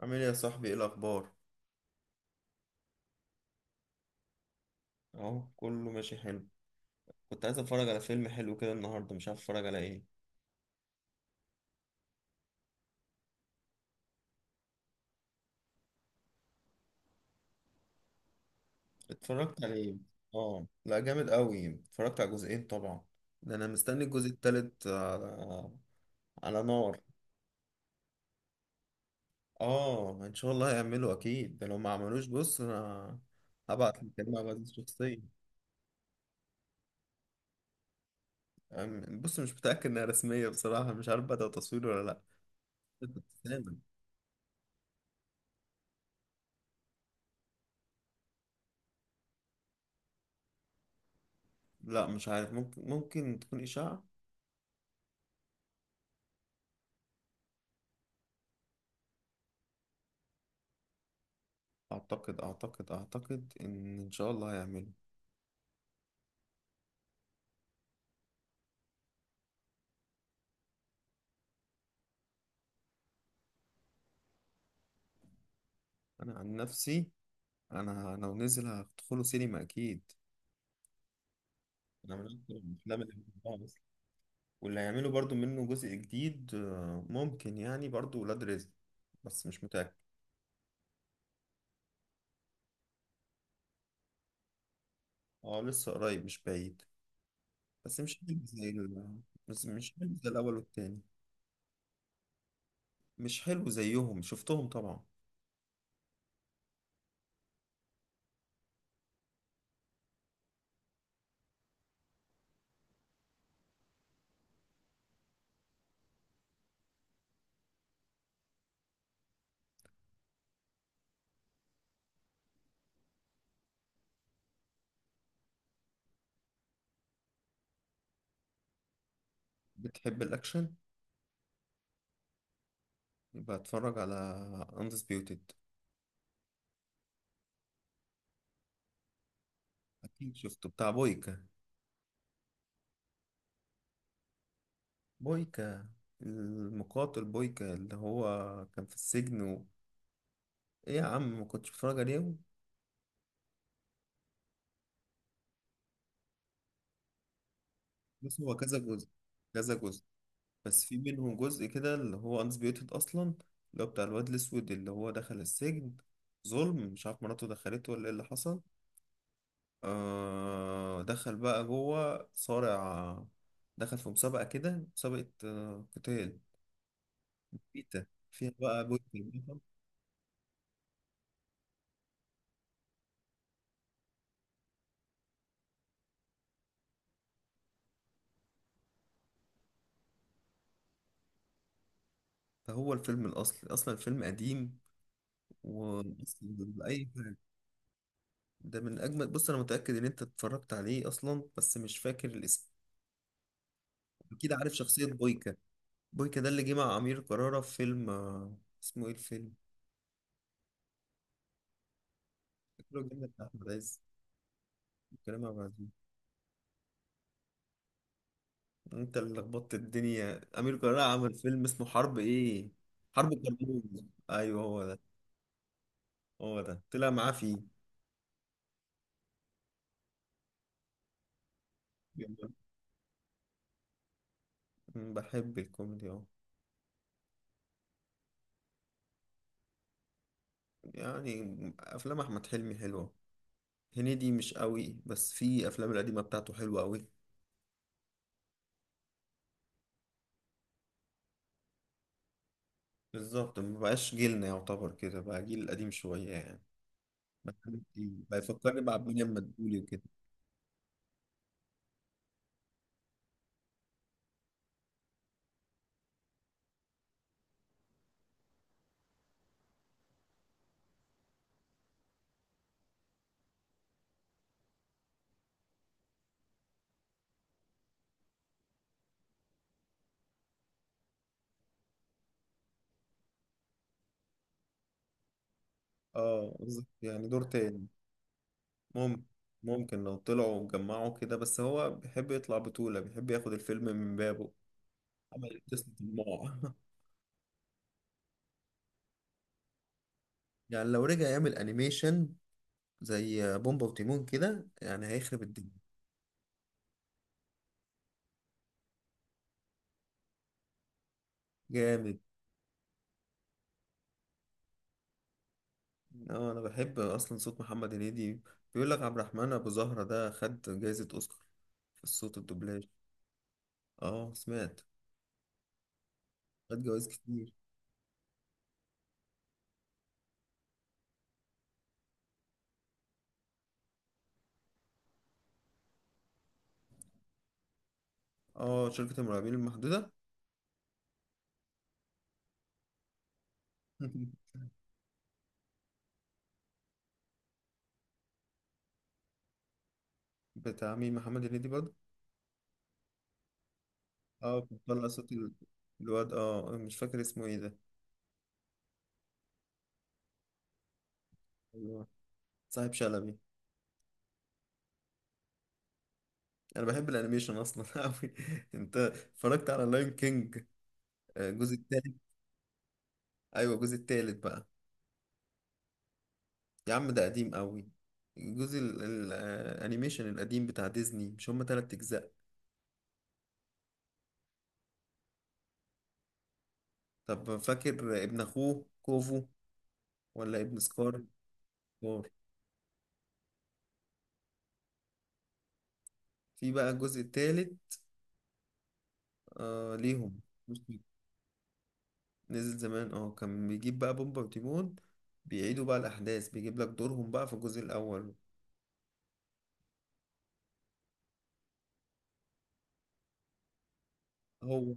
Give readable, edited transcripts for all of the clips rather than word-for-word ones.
عامل ايه يا صاحبي؟ ايه الاخبار؟ اهو كله ماشي حلو. كنت عايز اتفرج على فيلم حلو كده النهارده، مش عارف اتفرج على ايه. اتفرجت على ايه؟ اه لا جامد قوي، اتفرجت على جزئين طبعا. ده انا مستني الجزء التالت على، على نار. اه ان شاء الله هيعملوا اكيد، ده لو ما عملوش بص انا هبعت لكريم عبد العزيز شخصيا. بص مش متاكد انها رسميه بصراحه، مش عارف بدأ تصوير ولا لا. لا مش عارف، ممكن تكون اشاعه. اعتقد ان شاء الله هيعمله. انا عن نفسي، انا لو نزل هدخله سينما اكيد. انا من أكتر الافلام اللي بحبها اصلا. واللي هيعملوا برضو منه جزء جديد ممكن يعني برضو ولاد رزق، بس مش متاكد. اه لسه قريب، مش بعيد. بس مش حلو زي ال... بس مش حلو زي الاول والتاني. مش حلو زيهم، شفتهم طبعا. بتحب الاكشن؟ يبقى اتفرج على اندسبيوتد. اكيد شفته، بتاع بويكا. بويكا المقاتل، بويكا اللي هو كان في السجن و... ايه يا عم ما كنتش بتفرج عليه؟ بس هو كذا جزء، كذا جزء. بس في منهم جزء كده اللي هو انسبيوتد اصلا، اللي هو بتاع الواد الاسود اللي هو دخل السجن ظلم، مش عارف مراته دخلته ولا ايه اللي حصل. آه دخل بقى جوه صارع، دخل في مسابقة كده، مسابقة قتال بيتا، فيها بقى بويكا البطل. فهو الفيلم الأصلي، أصلا الفيلم قديم وأصلا بأي حاجة. ده من اجمل، بص انا متاكد ان انت اتفرجت عليه اصلا بس مش فاكر الاسم. اكيد عارف شخصيه بويكا. بويكا ده اللي جه مع امير كرارة في فيلم اسمه ايه الفيلم؟ فاكره الجنة بتاع احمد عز، كريم عبد العزيز. انت اللي لخبطت الدنيا، امير كرارة عمل فيلم اسمه حرب ايه؟ حرب كرموز. ايوه هو ده، هو ده طلع معاه فيه. جميل. بحب الكوميدي اه. يعني افلام احمد حلمي حلوه، هنيدي مش قوي بس في افلام القديمه بتاعته حلوه قوي. بالظبط مبقاش جيلنا، يعتبر كده بقى جيل قديم شوية يعني. بقى حاجات جديدة. بقى يفكرني بعبد الحليم مدبولي وكده. اه بالظبط يعني دور تاني. ممكن، ممكن لو طلعوا وجمعوا كده، بس هو بيحب يطلع بطولة، بيحب ياخد الفيلم من بابه. عمل قصة طماع. يعني لو رجع يعمل انيميشن زي بومبا وتيمون كده يعني هيخرب الدنيا. جامد. اه انا بحب اصلا صوت محمد هنيدي. بيقول لك عبد الرحمن ابو زهرة ده خد جايزة اوسكار في الصوت، الدوبلاج. اه سمعت، خد جوايز كتير. اه شركة المرعبين المحدودة. بتاع مين؟ محمد هنيدي برضه؟ اه كان طلع صوت الواد، اه مش فاكر اسمه ايه ده. ايوه، صاحب شلبي. انا بحب الانيميشن اصلا قوي. انت اتفرجت على لاين كينج الجزء التالت؟ ايوه الجزء التالت بقى. يا عم ده قديم قوي، الجزء الانيميشن القديم بتاع ديزني، مش هما تلات اجزاء؟ طب فاكر ابن اخوه كوفو ولا ابن سكار؟ سكار. في بقى الجزء التالت آه ليهم. نزل زمان اه، كان بيجيب بقى بومبا وتيمون، بيعيدوا بقى الأحداث، بيجيب لك دورهم بقى في الجزء الأول. هو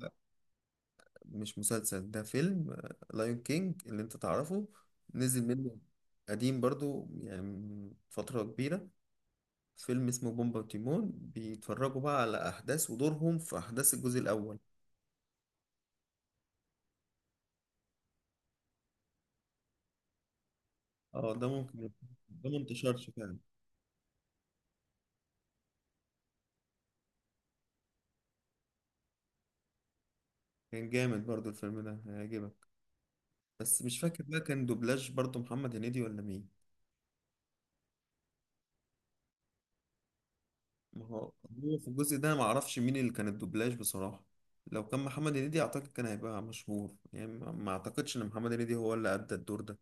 مش مسلسل، ده فيلم. لايون كينج اللي انت تعرفه نزل منه، قديم برضو يعني من فترة كبيرة، فيلم اسمه بومبا وتيمون، بيتفرجوا بقى على أحداث ودورهم في أحداث الجزء الأول. اه ده ممكن يبقى- ده ما انتشرش فعلا. كان جامد برضو الفيلم ده، هيعجبك. بس مش فاكر بقى كان دوبلاج برضو محمد هنيدي ولا مين. ما هو، هو في الجزء ده ما اعرفش مين اللي كان الدوبلاج بصراحة. لو كان محمد هنيدي اعتقد كان هيبقى مشهور، يعني ما اعتقدش ان محمد هنيدي هو اللي ادى الدور ده.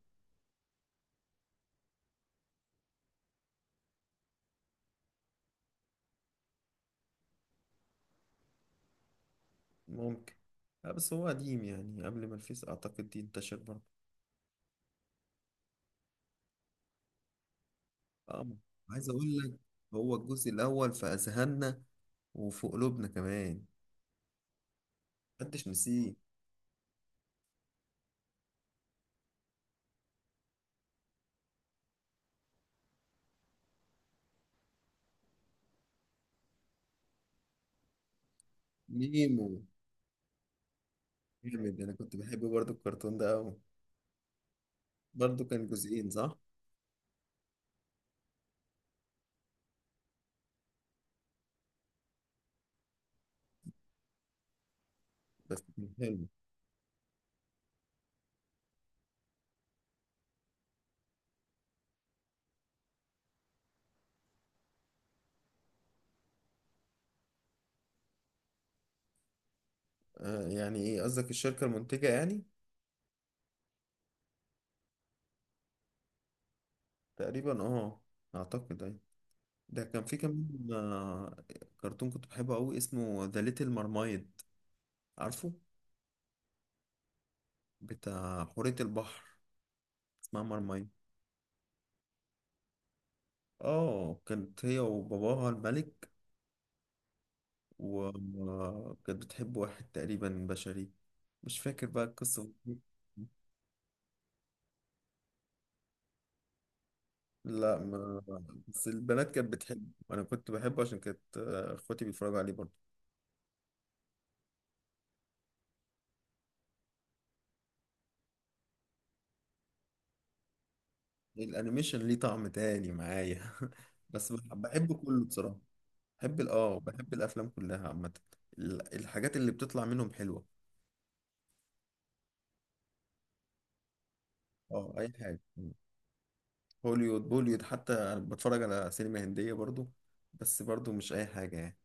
ممكن، لا بس هو قديم يعني قبل ما الفيس اعتقد دي انتشر برضه. اه عايز اقول لك، هو الجزء الاول في اذهاننا وفي قلوبنا كمان، محدش نسيه. نيمو. جامد، انا كنت بحب برضه الكرتون ده قوي. برضه كان جزئين صح؟ بس كان حلو. آه يعني ايه قصدك، الشركة المنتجة يعني؟ تقريبا اه، اعتقد اي. ده كان في كمان كرتون كنت بحبه قوي اسمه ذا ليتل مرمايد، عارفه؟ بتاع حورية البحر، اسمها مرمايد. اه كانت هي وباباها الملك، وكانت بتحب واحد تقريبا بشري. مش فاكر بقى القصة بالظبط. لا ما، بس البنات كانت بتحبه. انا كنت بحبه عشان كانت اخواتي بيتفرجوا عليه برضه. الانيميشن ليه طعم تاني معايا بس بحبه كله بصراحة. بحب بحب الافلام كلها عامه، الحاجات اللي بتطلع منهم حلوه. اه اي حاجه، هوليوود، بوليوود، حتى انا بتفرج على سينما هنديه برضو، بس برضو مش اي حاجه يعني.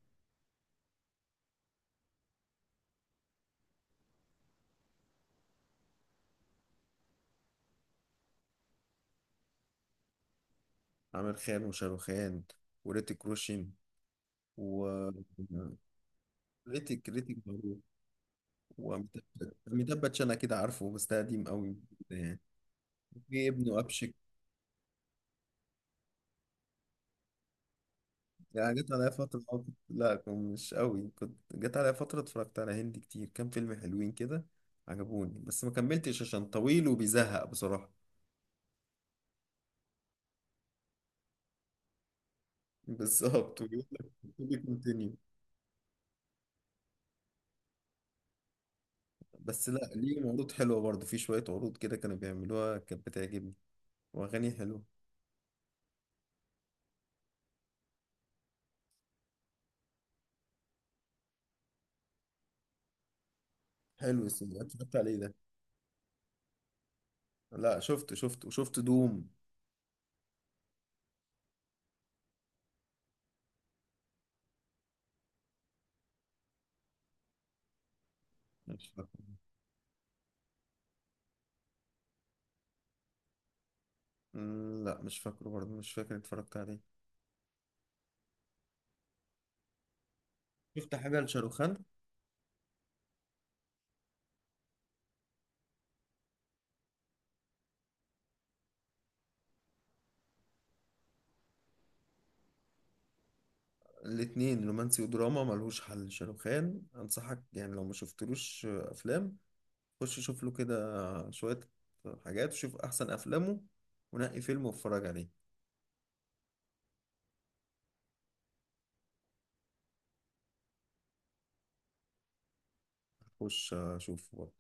عامر خان وشاروخان وريتيك روشن و ريتيك معروف، وأميتاب. أميتاب باتشان أكيد عارفه، بس ده قديم قوي يعني. في ابنه أبشك. يعني جت عليا فترة آه، كنت- لا كنت مش قوي، كنت جت عليا فترة اتفرجت على هندي كتير، كام فيلم حلوين كده عجبوني، بس ما كملتش عشان طويل وبيزهق بصراحة. بالظبط، ويقول لك to be continue. بس لا ليهم عروض حلوة برضه، في شوية عروض كده كانوا بيعملوها كانت بتعجبني، وأغاني حلوة. حلو السينما، اتفرجت عليه ده. لا شفت، شفت وشفت دوم. مش فاكره. لا مش فاكره برضه، مش فاكر اتفرجت عليه. شفت حاجة لشاروخان. الاتنين رومانسي ودراما ملهوش حل شاروخان، انصحك يعني لو ما شفتلوش افلام، خش شوف له كده شوية حاجات، وشوف احسن افلامه، ونقي فيلم واتفرج عليه. خش شوفه.